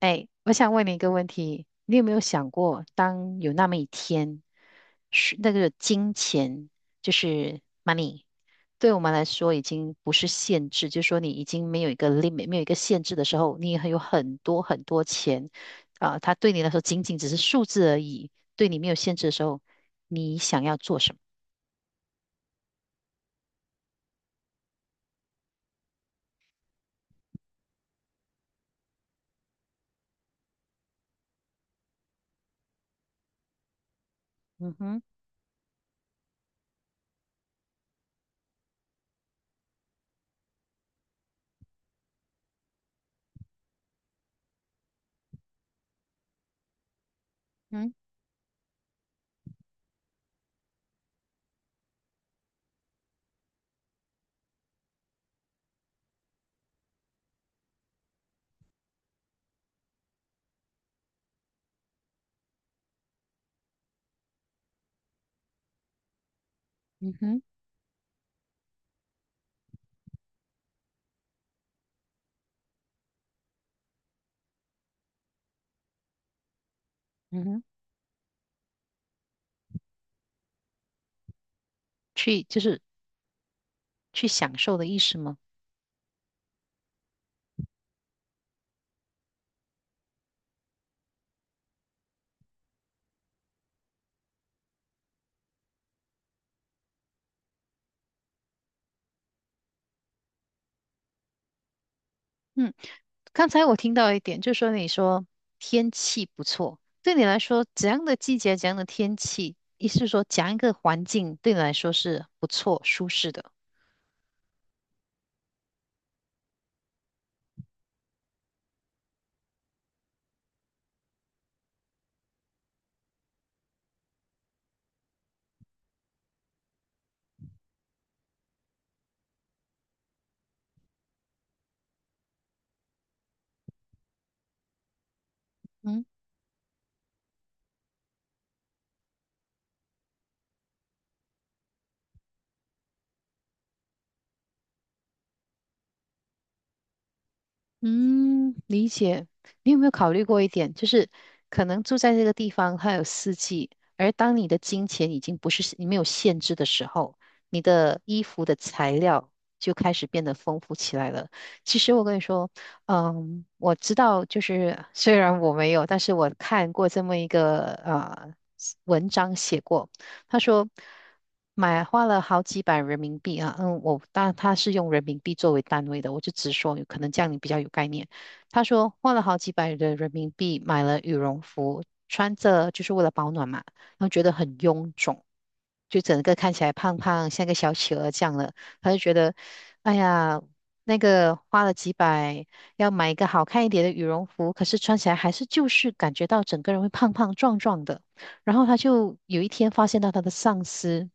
哎，我想问你一个问题，你有没有想过，当有那么一天，是那个金钱就是 money，对我们来说已经不是限制，就是说你已经没有一个 limit，没有一个限制的时候，你还有很多很多钱，啊、它对你来说仅仅只是数字而已，对你没有限制的时候，你想要做什么？嗯哼，嗯嗯哼，嗯哼，去就是去享受的意思吗？嗯。刚才我听到一点，就说你说天气不错，对你来说怎样的季节、怎样的天气，意思是说怎样一个环境对你来说是不错、舒适的？嗯。嗯，理解。你有没有考虑过一点，就是可能住在这个地方，它有四季，而当你的金钱已经不是你没有限制的时候，你的衣服的材料就开始变得丰富起来了。其实我跟你说，嗯，我知道，就是虽然我没有，但是我看过这么一个呃文章写过。他说买花了好几百人民币啊，嗯，我但他是用人民币作为单位的，我就直说，可能这样你比较有概念。他说花了好几百的人民币买了羽绒服，穿着就是为了保暖嘛，然后觉得很臃肿，就整个看起来胖胖，像个小企鹅这样了，他就觉得，哎呀。那个花了几百，要买一个好看一点的羽绒服，可是穿起来还是就是感觉到整个人会胖胖壮壮的。然后他就有一天发现到他的上司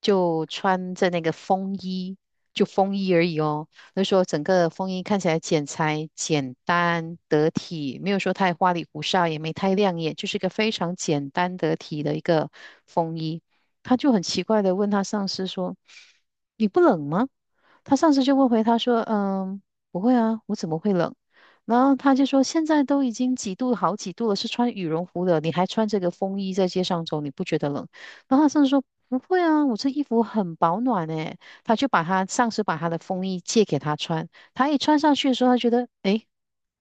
就穿着那个风衣，就风衣而已哦。就说整个风衣看起来剪裁简单得体，没有说太花里胡哨，也没太亮眼，就是一个非常简单得体的一个风衣。他就很奇怪的问他上司说：“你不冷吗？”他上司就问回他说：“嗯，不会啊，我怎么会冷？”然后他就说，现在都已经几度好几度了，是穿羽绒服的，你还穿这个风衣在街上走，你不觉得冷？然后他甚至说不会啊，我这衣服很保暖诶。他就把他上司把他的风衣借给他穿，他一穿上去的时候，他觉得诶，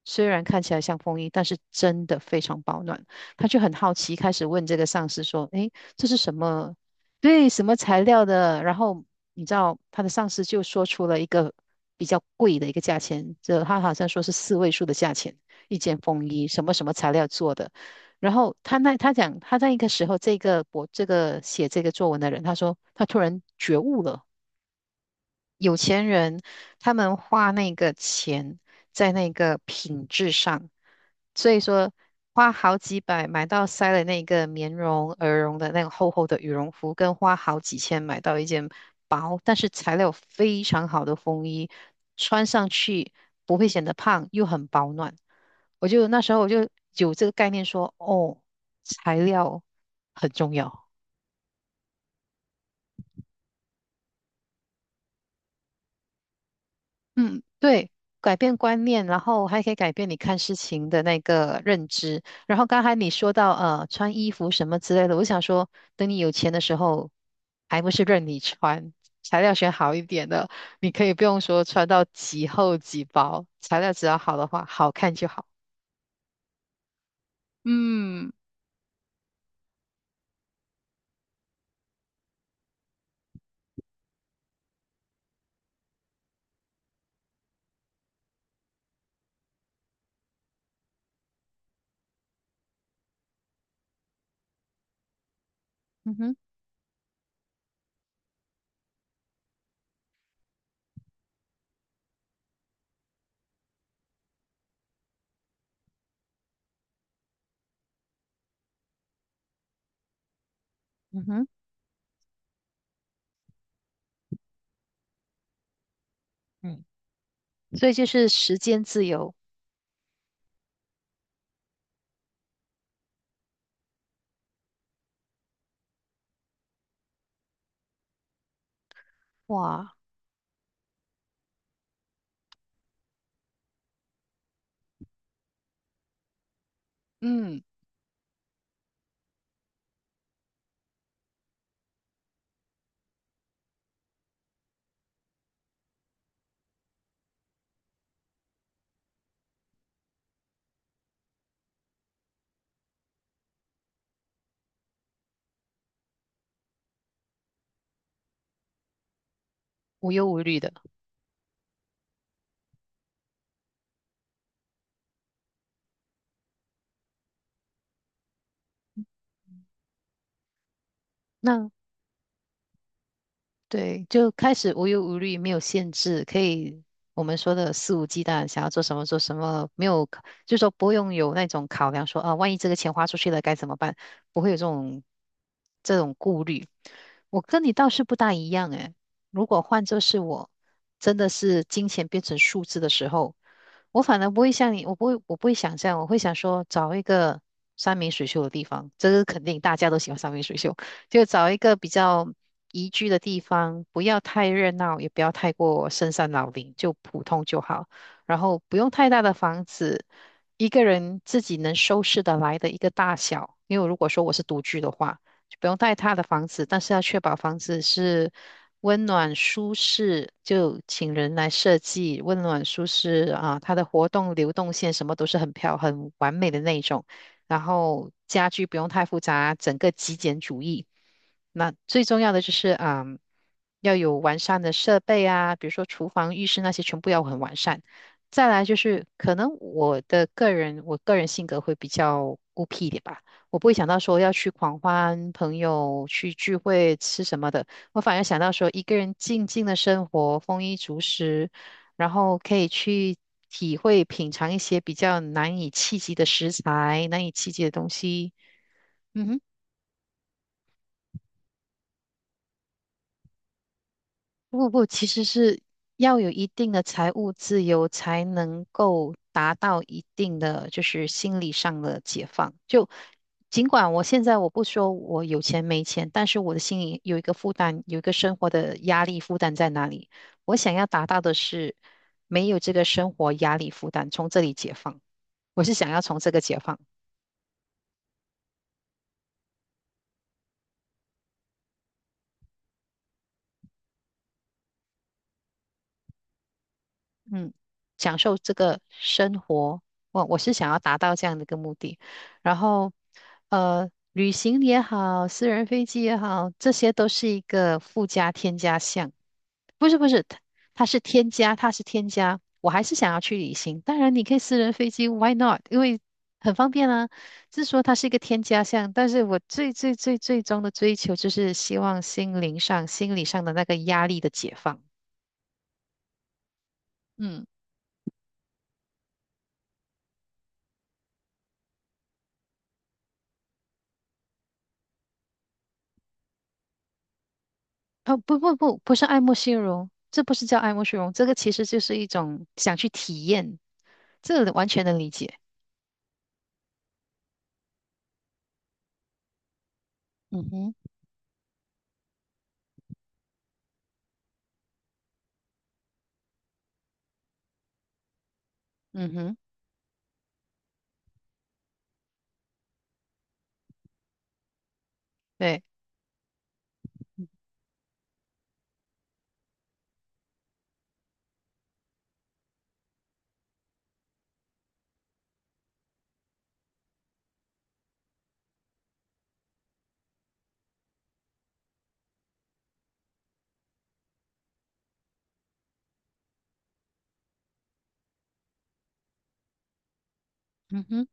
虽然看起来像风衣，但是真的非常保暖。他就很好奇，开始问这个上司说：“诶，这是什么？对，什么材料的？然后你知道他的上司就说出了一个比较贵的一个价钱，就他好像说是四位数的价钱，一件风衣，什么什么材料做的。然后他那他讲他在一个时候，这个我这个写这个作文的人，他说他突然觉悟了，有钱人他们花那个钱在那个品质上，所以说花好几百买到塞了那个棉绒、鹅绒的那个厚厚的羽绒服，跟花好几千买到一件薄但是材料非常好的风衣，穿上去不会显得胖，又很保暖。那时候我就有这个概念说，哦，材料很重要。嗯，对，改变观念，然后还可以改变你看事情的那个认知。然后刚才你说到穿衣服什么之类的，我想说，等你有钱的时候，还不是任你穿，材料选好一点的，你可以不用说穿到几厚几薄，材料只要好的话，好看就好。嗯嗯哼，嗯哼，嗯所以就是时间自由，哇，嗯，无忧无虑的。那对，就开始无忧无虑，没有限制，可以我们说的肆无忌惮，想要做什么做什么，没有，就是说不用有那种考量说，啊，万一这个钱花出去了该怎么办，不会有这种顾虑。我跟你倒是不大一样诶，如果换作是我，真的是金钱变成数字的时候，我反而不会像你，我不会想这样，我会想说找一个山明水秀的地方，这个肯定大家都喜欢山明水秀。就找一个比较宜居的地方，不要太热闹，也不要太过深山老林，就普通就好。然后不用太大的房子，一个人自己能收拾得来的一个大小。因为如果说我是独居的话，就不用太大的房子，但是要确保房子是温暖舒适，就请人来设计温暖舒适啊，它的活动流动线什么都是很完美的那一种。然后家具不用太复杂，整个极简主义。那最重要的就是，嗯，要有完善的设备啊，比如说厨房、浴室那些全部要很完善。再来就是，可能我个人性格会比较孤僻一点吧，我不会想到说要去狂欢、朋友去聚会、吃什么的，我反而想到说一个人静静的生活，丰衣足食，然后可以去体会、品尝一些比较难以企及的食材、难以企及的东西。嗯哼，不不，其实是要有一定的财务自由，才能够达到一定的就是心理上的解放。就尽管我现在我不说我有钱没钱，但是我的心里有一个负担，有一个生活的压力负担在哪里？我想要达到的是没有这个生活压力负担，从这里解放。我是想要从这个解放。嗯，享受这个生活，我是想要达到这样的一个目的。然后，呃，旅行也好，私人飞机也好，这些都是一个附加添加项。不是不是，它是添加，它是添加。我还是想要去旅行，当然你可以私人飞机，why not？因为很方便啊。是说它是一个添加项，但是我最最最最终的追求就是希望心灵上、心理上的那个压力的解放。嗯。哦，不不不，不是爱慕虚荣，这不是叫爱慕虚荣，这个其实就是一种想去体验，这个完全能理解。嗯哼，嗯哼，对，嗯哼，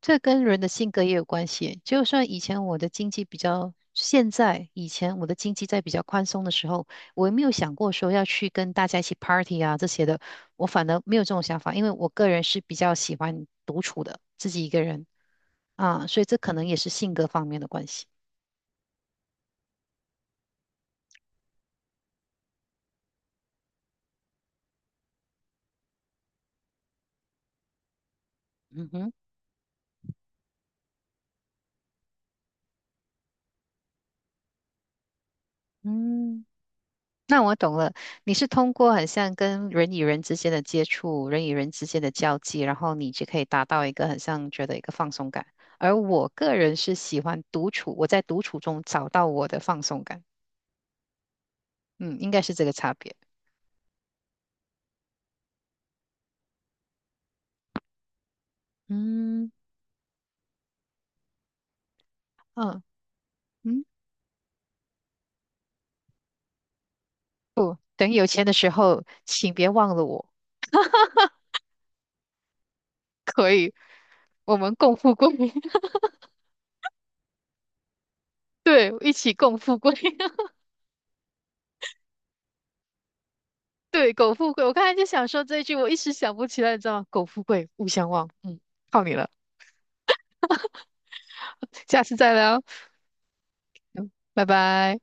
这跟人的性格也有关系。就算以前我的经济比较，现在以前我的经济在比较宽松的时候，我也没有想过说要去跟大家一起 party 啊这些的，我反而没有这种想法，因为我个人是比较喜欢独处的，自己一个人啊，所以这可能也是性格方面的关系。嗯哼，嗯。那我懂了，你是通过很像跟人与人之间的接触，人与人之间的交际，然后你就可以达到一个很像觉得一个放松感。而我个人是喜欢独处，我在独处中找到我的放松感。嗯，应该是这个差别。嗯嗯嗯，不，等有钱的时候，请别忘了我，我们共富贵。对，一起共富贵。对，苟富贵。我刚才就想说这一句，我一时想不起来，你知道吗？苟富贵，勿相忘。嗯，靠你了，下次再聊。嗯拜拜。